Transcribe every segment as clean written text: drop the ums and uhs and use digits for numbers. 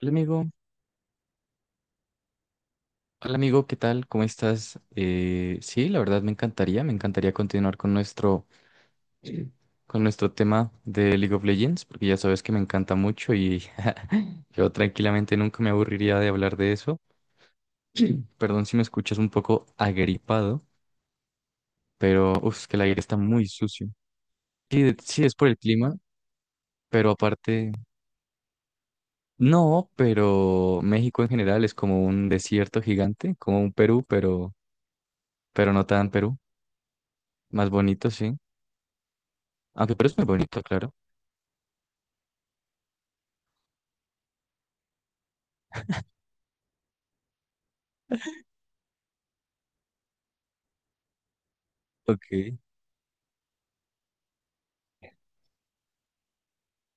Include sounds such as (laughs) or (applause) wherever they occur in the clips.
Hola amigo, hola amigo, ¿qué tal? ¿Cómo estás? Sí, la verdad me encantaría continuar con con nuestro tema de League of Legends, porque ya sabes que me encanta mucho y (laughs) yo tranquilamente nunca me aburriría de hablar de eso. (clears throat) Perdón si me escuchas un poco agripado, pero uf, que el aire está muy sucio. Sí, sí, es por el clima, pero aparte, no, pero México en general es como un desierto gigante, como un Perú, pero no tan Perú, más bonito, sí. Aunque pero es muy bonito, claro. Ok.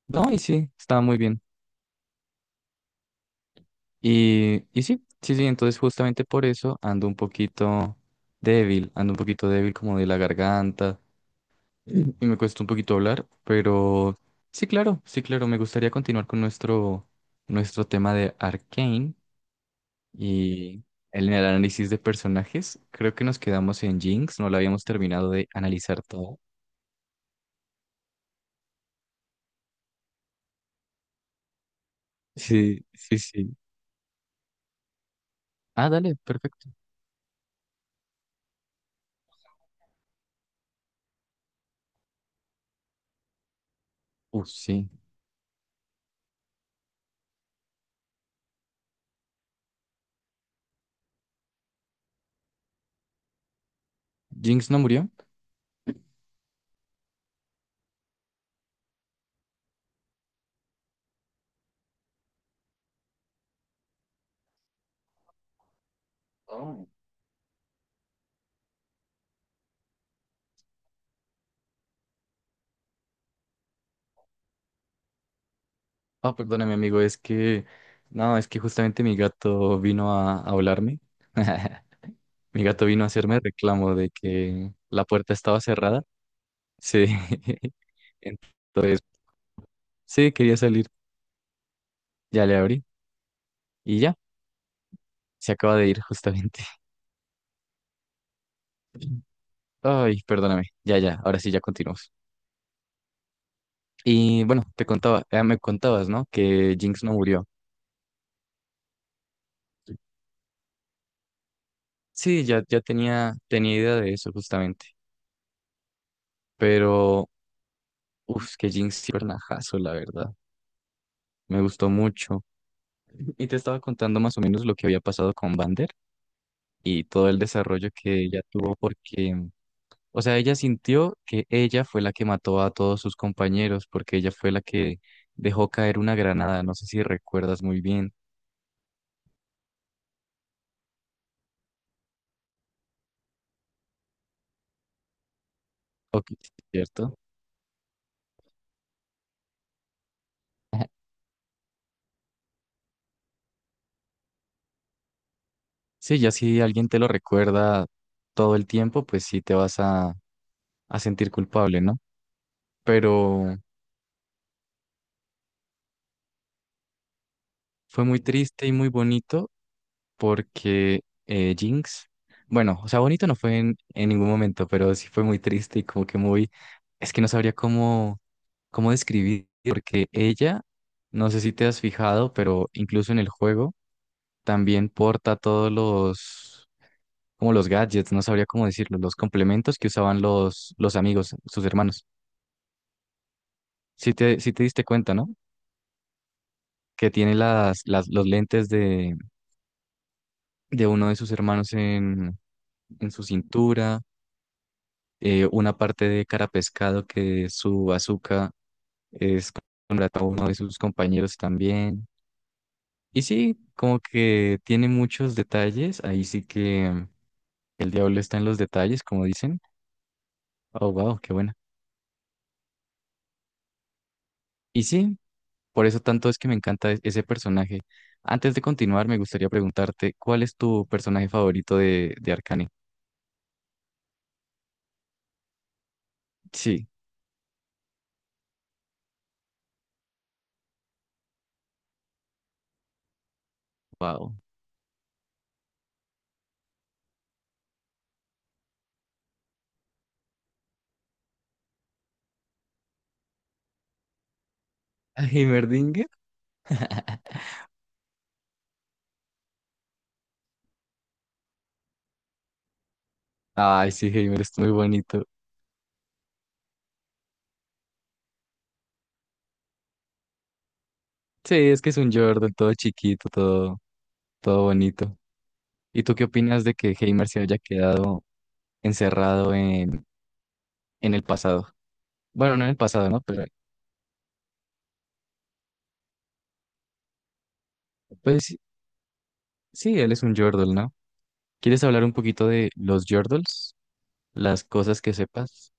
No, y sí, estaba muy bien. Y sí, sí, sí, entonces justamente por eso ando un poquito débil, ando un poquito débil como de la garganta y me cuesta un poquito hablar, pero sí, claro, sí, claro, me gustaría continuar con nuestro tema de Arcane y el análisis de personajes. Creo que nos quedamos en Jinx, no la habíamos terminado de analizar todo. Sí, sí, sí. Ah, dale, perfecto. Sí. ¿Jinx no murió? Ah, perdóname, amigo, no, es que justamente mi gato vino a hablarme. (laughs) Mi gato vino a hacerme reclamo de que la puerta estaba cerrada. Sí. (laughs) Entonces, sí, quería salir. Ya le abrí y ya, se acaba de ir justamente. (laughs) Ay, perdóname. Ya, ya, ahora sí, ya continuamos. Y bueno, te contaba, me contabas, ¿no? Que Jinx no murió. Sí, ya tenía idea de eso justamente. Pero, uff, que Jinx sí fue un ajazo, la verdad. Me gustó mucho. Y te estaba contando más o menos lo que había pasado con Vander y todo el desarrollo que ella tuvo porque, o sea, ella sintió que ella fue la que mató a todos sus compañeros porque ella fue la que dejó caer una granada. No sé si recuerdas muy bien. Ok, ¿cierto? Ajá. Sí, ya si alguien te lo recuerda todo el tiempo, pues sí te vas a sentir culpable, ¿no? Pero fue muy triste y muy bonito porque Jinx, bueno, o sea, bonito no fue en ningún momento, pero sí fue muy triste y como que muy, es que no sabría cómo, cómo describir, porque ella, no sé si te has fijado, pero incluso en el juego también porta todos como los gadgets, no sabría cómo decirlo, los complementos que usaban los amigos, sus hermanos. Si te diste cuenta, ¿no? Que tiene los lentes de uno de sus hermanos en su cintura una parte de cara pescado que su azúcar es contratado a uno de sus compañeros también. Y sí, como que tiene muchos detalles, ahí sí que el diablo está en los detalles, como dicen. Oh, wow, qué buena. Y sí, por eso tanto es que me encanta ese personaje. Antes de continuar, me gustaría preguntarte, ¿cuál es tu personaje favorito de Arcane? Sí, wow. ¿A ¿Heimerdinger? (laughs) Ay, sí, Heimer es muy bonito. Sí, es que es un Jordan todo chiquito, todo, todo bonito. ¿Y tú qué opinas de que Heimer se haya quedado encerrado en el pasado? Bueno, no en el pasado, ¿no? Pero pues sí, sí, él es un Yordle, ¿no? ¿Quieres hablar un poquito de los Yordles? Las cosas que sepas.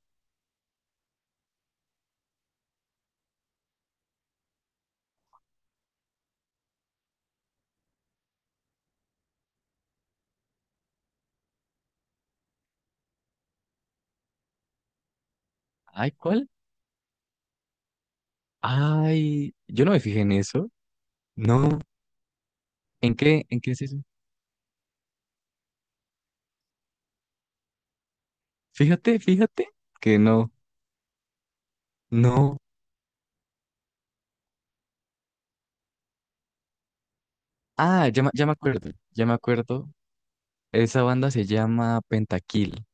Ay, ¿cuál? Ay, yo no me fijé en eso. No. ¿En qué? ¿En qué es eso? Fíjate, fíjate que no. No. Ah, ya me acuerdo. Ya me acuerdo. Esa banda se llama Pentakill.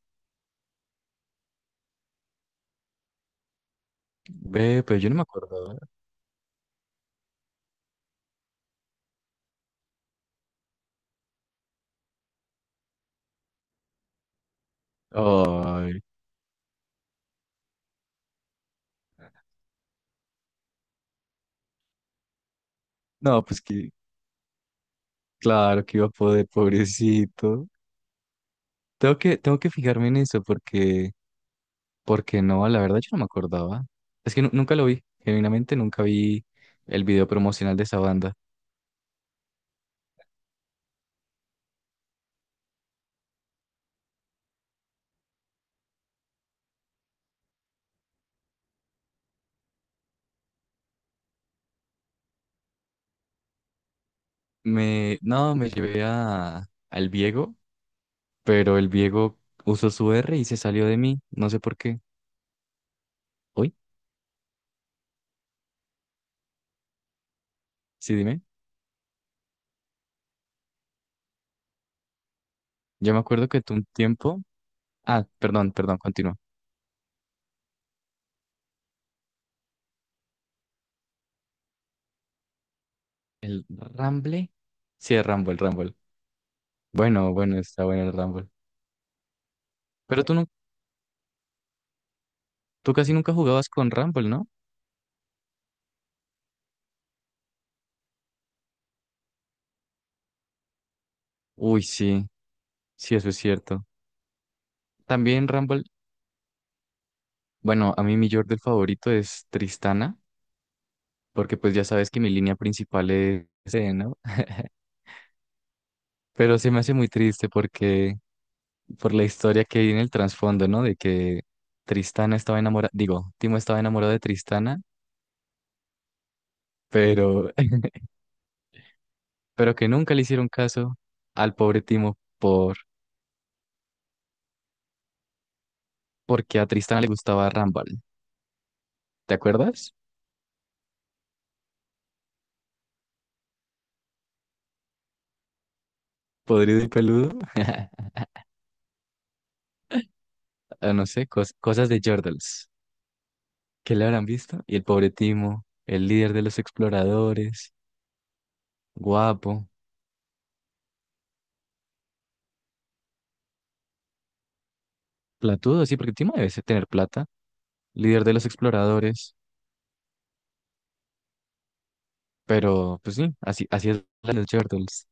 Ve, pero yo no me acuerdo, ¿eh? Ay. No, pues que claro que iba a poder, pobrecito. Tengo que fijarme en eso porque, porque no, la verdad yo no me acordaba. Es que nunca lo vi, genuinamente nunca vi el video promocional de esa banda. No, me llevé al Viego, pero el Viego usó su R y se salió de mí, no sé por qué. ¿Hoy? Sí, dime. Yo me acuerdo que tú un tiempo... Ah, perdón, continúa. ¿El Ramble? Sí, el Rumble, el Rumble. Bueno, bueno, está bueno el Rumble. Pero tú, no, tú casi nunca jugabas con Rumble, ¿no? Uy, sí, sí, eso es cierto. También Rumble, bueno, a mí mi Yordle favorito es Tristana, porque pues ya sabes que mi línea principal es ese, ¿no? Pero se me hace muy triste porque, por la historia que hay en el trasfondo, ¿no? De que Tristana estaba enamorada, digo, Timo estaba enamorado de Tristana, pero, (laughs) pero que nunca le hicieron caso al pobre Timo por, porque a Tristana le gustaba Rumble. ¿Te acuerdas? Podrido y peludo. (laughs) Ah, no sé, cosas de Yordles. ¿Qué le habrán visto? Y el pobre Timo, el líder de los exploradores, guapo, platudo, sí, porque Timo tener plata, líder de los exploradores, pero pues sí, así, así es la de los Turtles,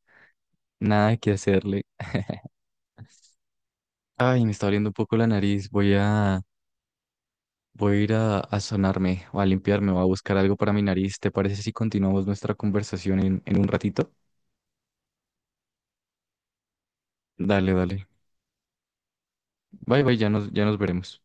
nada que hacerle. Ay, me está doliendo un poco la nariz, voy a ir a sonarme o a limpiarme o a buscar algo para mi nariz. ¿Te parece si continuamos nuestra conversación en un ratito? Dale, dale. Bye, bye, ya nos veremos.